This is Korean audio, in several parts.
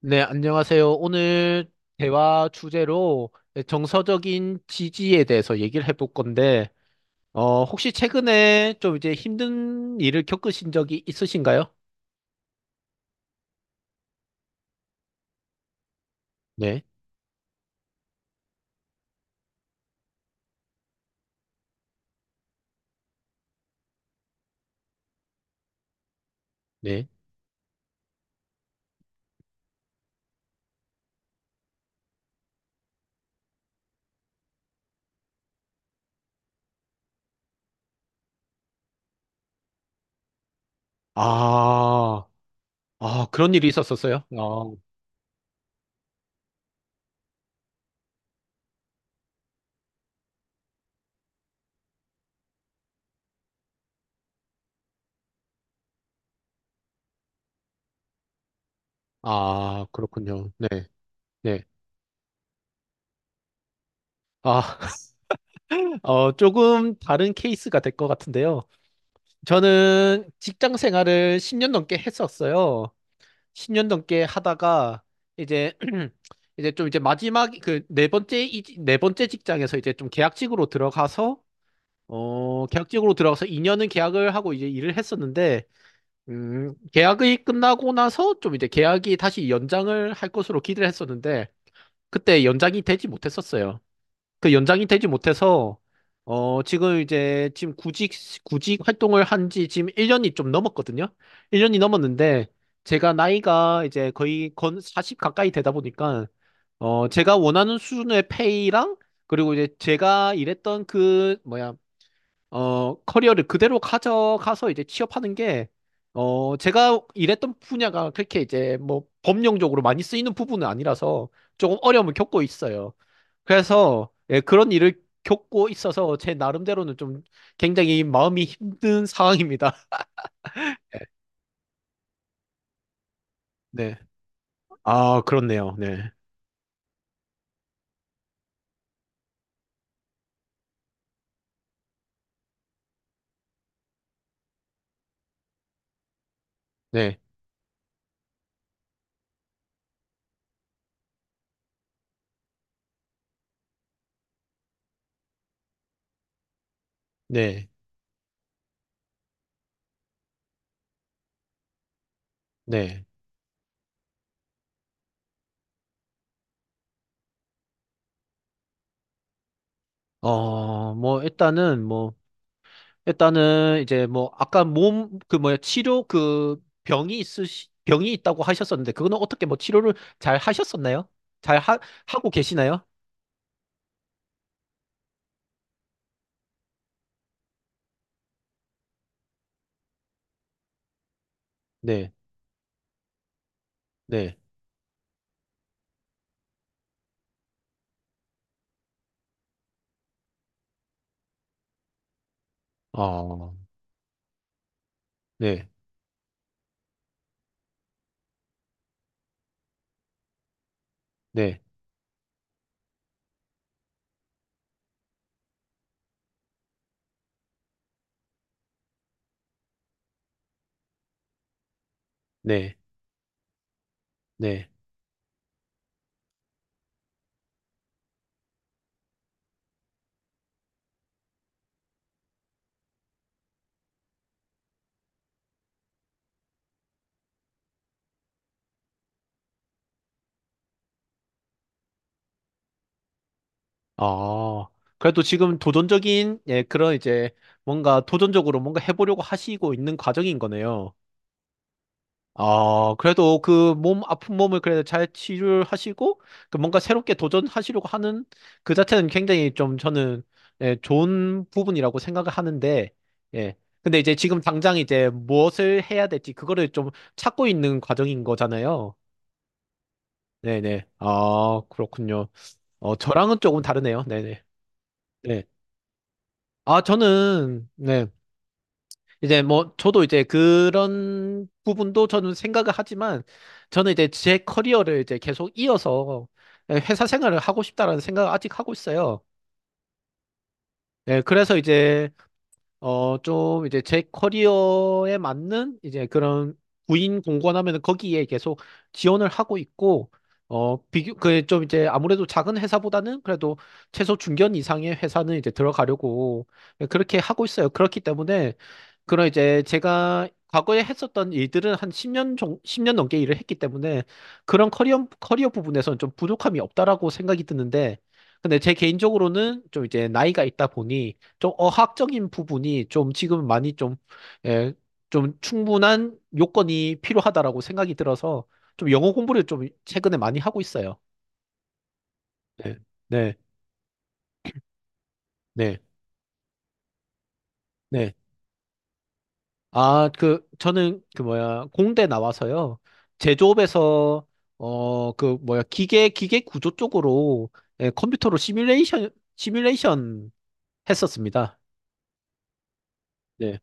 네, 안녕하세요. 오늘 대화 주제로 정서적인 지지에 대해서 얘기를 해볼 건데, 혹시 최근에 좀 이제 힘든 일을 겪으신 적이 있으신가요? 네, 네. 아, 아, 그런 일이 있었었어요? 아, 아, 그렇군요. 네. 네. 아, 조금 다른 케이스가 될 것 같은데요. 저는 직장 생활을 10년 넘게 했었어요. 10년 넘게 하다가 이제 이제 좀 이제 마지막 그 네 번째 네 번째 직장에서 이제 좀 계약직으로 들어가서 계약직으로 들어가서 2년은 계약을 하고 이제 일을 했었는데 계약이 끝나고 나서 좀 이제 계약이 다시 연장을 할 것으로 기대를 했었는데 그때 연장이 되지 못했었어요. 그 연장이 되지 못해서 지금 이제 지금 구직 활동을 한지 지금 1년이 좀 넘었거든요. 1년이 넘었는데 제가 나이가 이제 거의 건 40 가까이 되다 보니까 제가 원하는 수준의 페이랑 그리고 이제 제가 일했던 그 뭐야 커리어를 그대로 가져가서 이제 취업하는 게 제가 일했던 분야가 그렇게 이제 뭐 법령적으로 많이 쓰이는 부분은 아니라서 조금 어려움을 겪고 있어요. 그래서 예, 그런 일을 겪고 있어서 제 나름대로는 좀 굉장히 마음이 힘든 상황입니다. 네. 아, 그렇네요. 네. 네. 네. 네. 뭐 일단은 이제 뭐 아까 몸 그 뭐야 치료 그 병이 있다고 하셨었는데 그거는 어떻게 뭐 치료를 잘 하셨었나요? 잘 하, 하고 계시나요? 네. 네. 어. 네. 네. 네. 네. 아, 그래도 지금 도전적인, 예, 그런 이제 뭔가 도전적으로 뭔가 해보려고 하시고 있는 과정인 거네요. 아, 그래도 그 몸 아픈 몸을 그래도 잘 치료를 하시고, 그 뭔가 새롭게 도전하시려고 하는 그 자체는 굉장히 좀 저는, 예, 좋은 부분이라고 생각을 하는데, 예. 근데 이제 지금 당장 이제 무엇을 해야 될지 그거를 좀 찾고 있는 과정인 거잖아요. 네네. 아, 그렇군요. 저랑은 조금 다르네요. 네네. 네. 아, 저는, 네. 이제 뭐, 저도 이제 그런 부분도 저는 생각을 하지만, 저는 이제 제 커리어를 이제 계속 이어서 예, 회사 생활을 하고 싶다라는 생각을 아직 하고 있어요. 네, 그래서 이제 좀 이제 제 커리어에 맞는 이제 그런 구인 공고하면은 거기에 계속 지원을 하고 있고, 그 좀 이제 아무래도 작은 회사보다는 그래도 최소 중견 이상의 회사는 이제 들어가려고 그렇게 하고 있어요. 그렇기 때문에 그런 이제 제가 과거에 했었던 일들은 한 10년 넘게 일을 했기 때문에 그런 커리어 부분에서는 좀 부족함이 없다라고 생각이 드는데, 근데 제 개인적으로는 좀 이제 나이가 있다 보니 좀 어학적인 부분이 좀 지금 많이 좀, 예, 좀 충분한 요건이 필요하다라고 생각이 들어서 좀 영어 공부를 좀 최근에 많이 하고 있어요. 네, 네, 네, 네. 아, 그, 저는 그 뭐야, 공대 나와서요. 제조업에서, 그 뭐야, 기계 구조 쪽으로 예, 컴퓨터로 시뮬레이션 했었습니다. 네,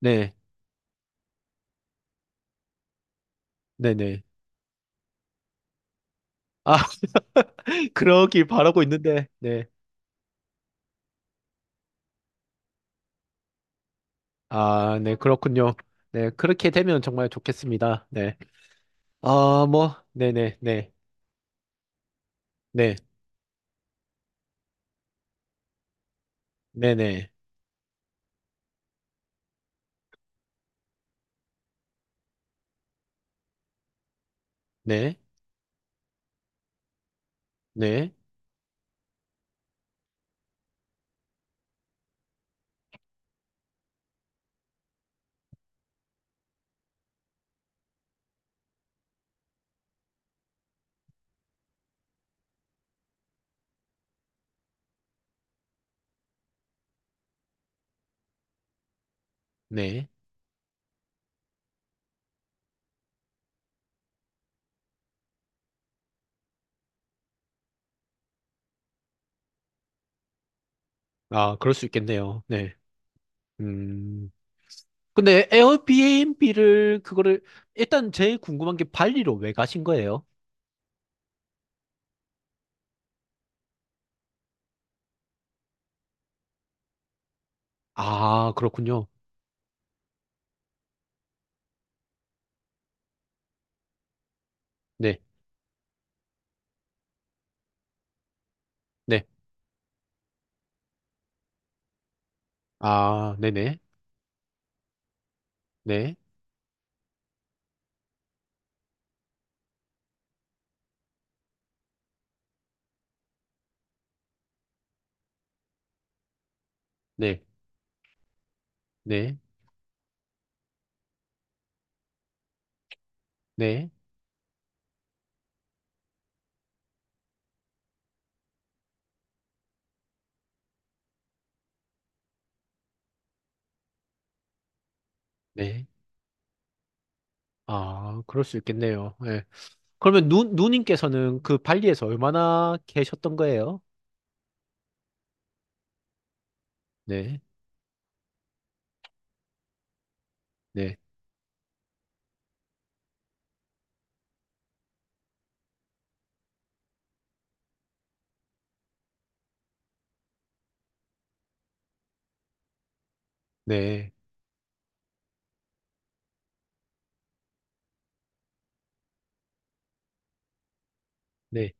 네, 네, 네. 아, 그러길 바라고 있는데, 네. 아, 네, 그렇군요. 네, 그렇게 되면 정말 좋겠습니다. 네. 아, 뭐, 네네, 네, 네, 네네, 네, 네, 네. 아, 그럴 수 있겠네요. 네. 음. 근데 에어비앤비를, 그거를, 일단 제일 궁금한 게 발리로 왜 가신 거예요? 아, 그렇군요. 네, 네. 아, 네네, 네, 네, 네, 네, 네. 아, 그럴 수 있겠네요. 네. 그러면 누님께서는 그 발리에서 얼마나 계셨던 거예요? 네, 네, 네, 네,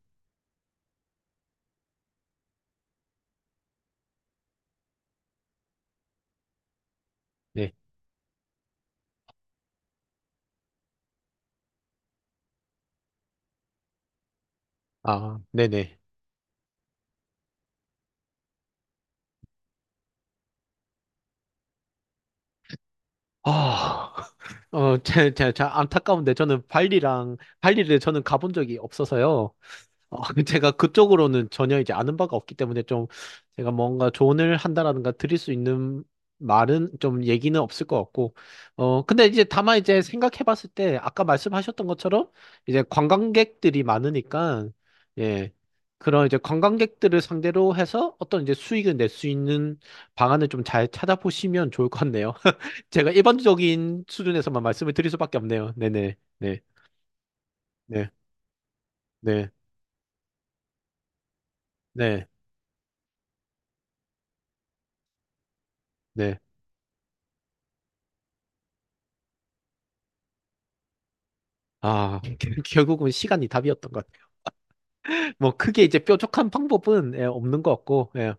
네. 아, 네네. 아, 제 안타까운데 저는 발리랑 발리를 저는 가본 적이 없어서요. 어, 제가 그쪽으로는 전혀 이제 아는 바가 없기 때문에 좀 제가 뭔가 조언을 한다라든가 드릴 수 있는 말은 좀 얘기는 없을 것 같고, 근데 이제 다만 이제 생각해 봤을 때 아까 말씀하셨던 것처럼 이제 관광객들이 많으니까, 예, 그런 이제 관광객들을 상대로 해서 어떤 이제 수익을 낼 수 있는 방안을 좀 잘 찾아보시면 좋을 것 같네요. 제가 일반적인 수준에서만 말씀을 드릴 수밖에 없네요. 네네, 네, 네, 네, 네, 네. 아, 결국은 시간이 답이었던 것 같아요. 뭐 크게 이제 뾰족한 방법은 예, 없는 것 같고, 예.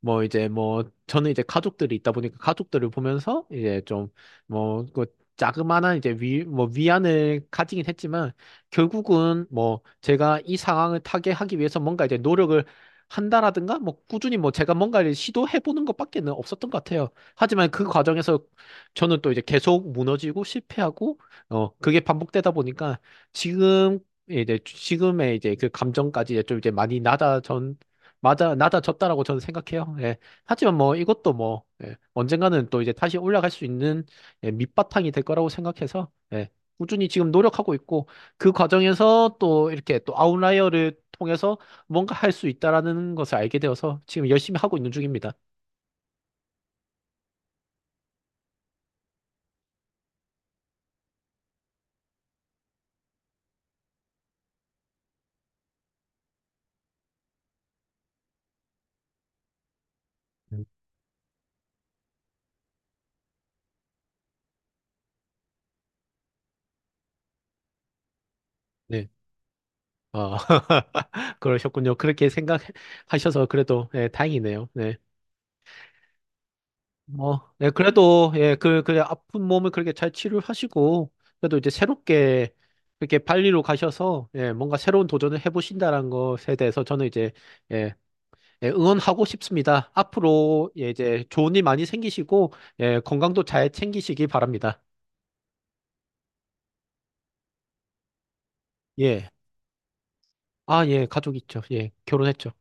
뭐 이제 뭐 저는 이제 가족들이 있다 보니까 가족들을 보면서 이제 좀뭐그 자그마한 이제 위 뭐 위안을 가지긴 했지만 결국은 뭐 제가 이 상황을 타개하기 위해서 뭔가 이제 노력을 한다라든가 뭐 꾸준히 뭐 제가 뭔가를 시도해 보는 것밖에는 없었던 것 같아요. 하지만 그 과정에서 저는 또 이제 계속 무너지고 실패하고 그게 반복되다 보니까 지금 이제 지금의 이제 그 감정까지 이제 좀 이제 많이 낮아졌 맞아, 낮아졌다라고 저는 생각해요. 예. 하지만 뭐 이것도 뭐 예. 언젠가는 또 이제 다시 올라갈 수 있는 예, 밑바탕이 될 거라고 생각해서 예. 꾸준히 지금 노력하고 있고 그 과정에서 또 이렇게 또 아웃라이어를 통해서 뭔가 할 수 있다라는 것을 알게 되어서 지금 열심히 하고 있는 중입니다. 음. 네. 어, 그러셨군요. 그렇게 생각하셔서 그래도 예, 다행이네요. 네. 뭐, 네, 그래도, 예, 그 아픈 몸을 그렇게 잘 치료하시고, 그래도 이제 새롭게, 그렇게 발리로 가셔서, 예, 뭔가 새로운 도전을 해보신다는 것에 대해서 저는 이제, 예, 예, 응원하고 싶습니다. 앞으로, 예, 이제 좋은 일 많이 생기시고, 예, 건강도 잘 챙기시기 바랍니다. 예. 아, 예, 가족 있죠. 예, 결혼했죠.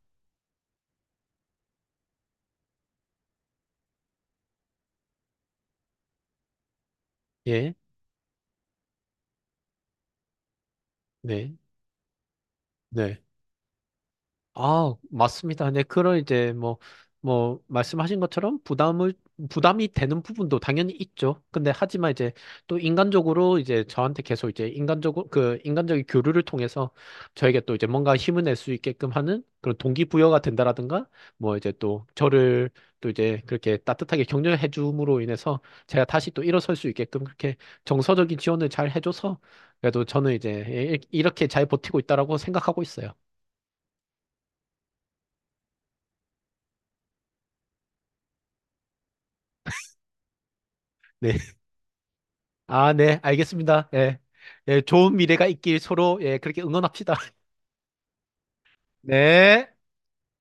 예, 네, 네. 아, 맞습니다. 네, 그런 이제 뭐, 말씀하신 것처럼 부담이 되는 부분도 당연히 있죠. 근데 하지만 이제 또 인간적으로 이제 저한테 계속 이제 인간적으로, 그 인간적인 교류를 통해서 저에게 또 이제 뭔가 힘을 낼 수 있게끔 하는 그런 동기부여가 된다라든가 뭐 이제 또 저를 또 이제 그렇게 따뜻하게 격려해 줌으로 인해서 제가 다시 또 일어설 수 있게끔 그렇게 정서적인 지원을 잘 해줘서 그래도 저는 이제 이렇게 잘 버티고 있다라고 생각하고 있어요. 네. 아, 네, 알겠습니다. 예. 예, 좋은 미래가 있길 서로, 예, 그렇게 응원합시다. 네.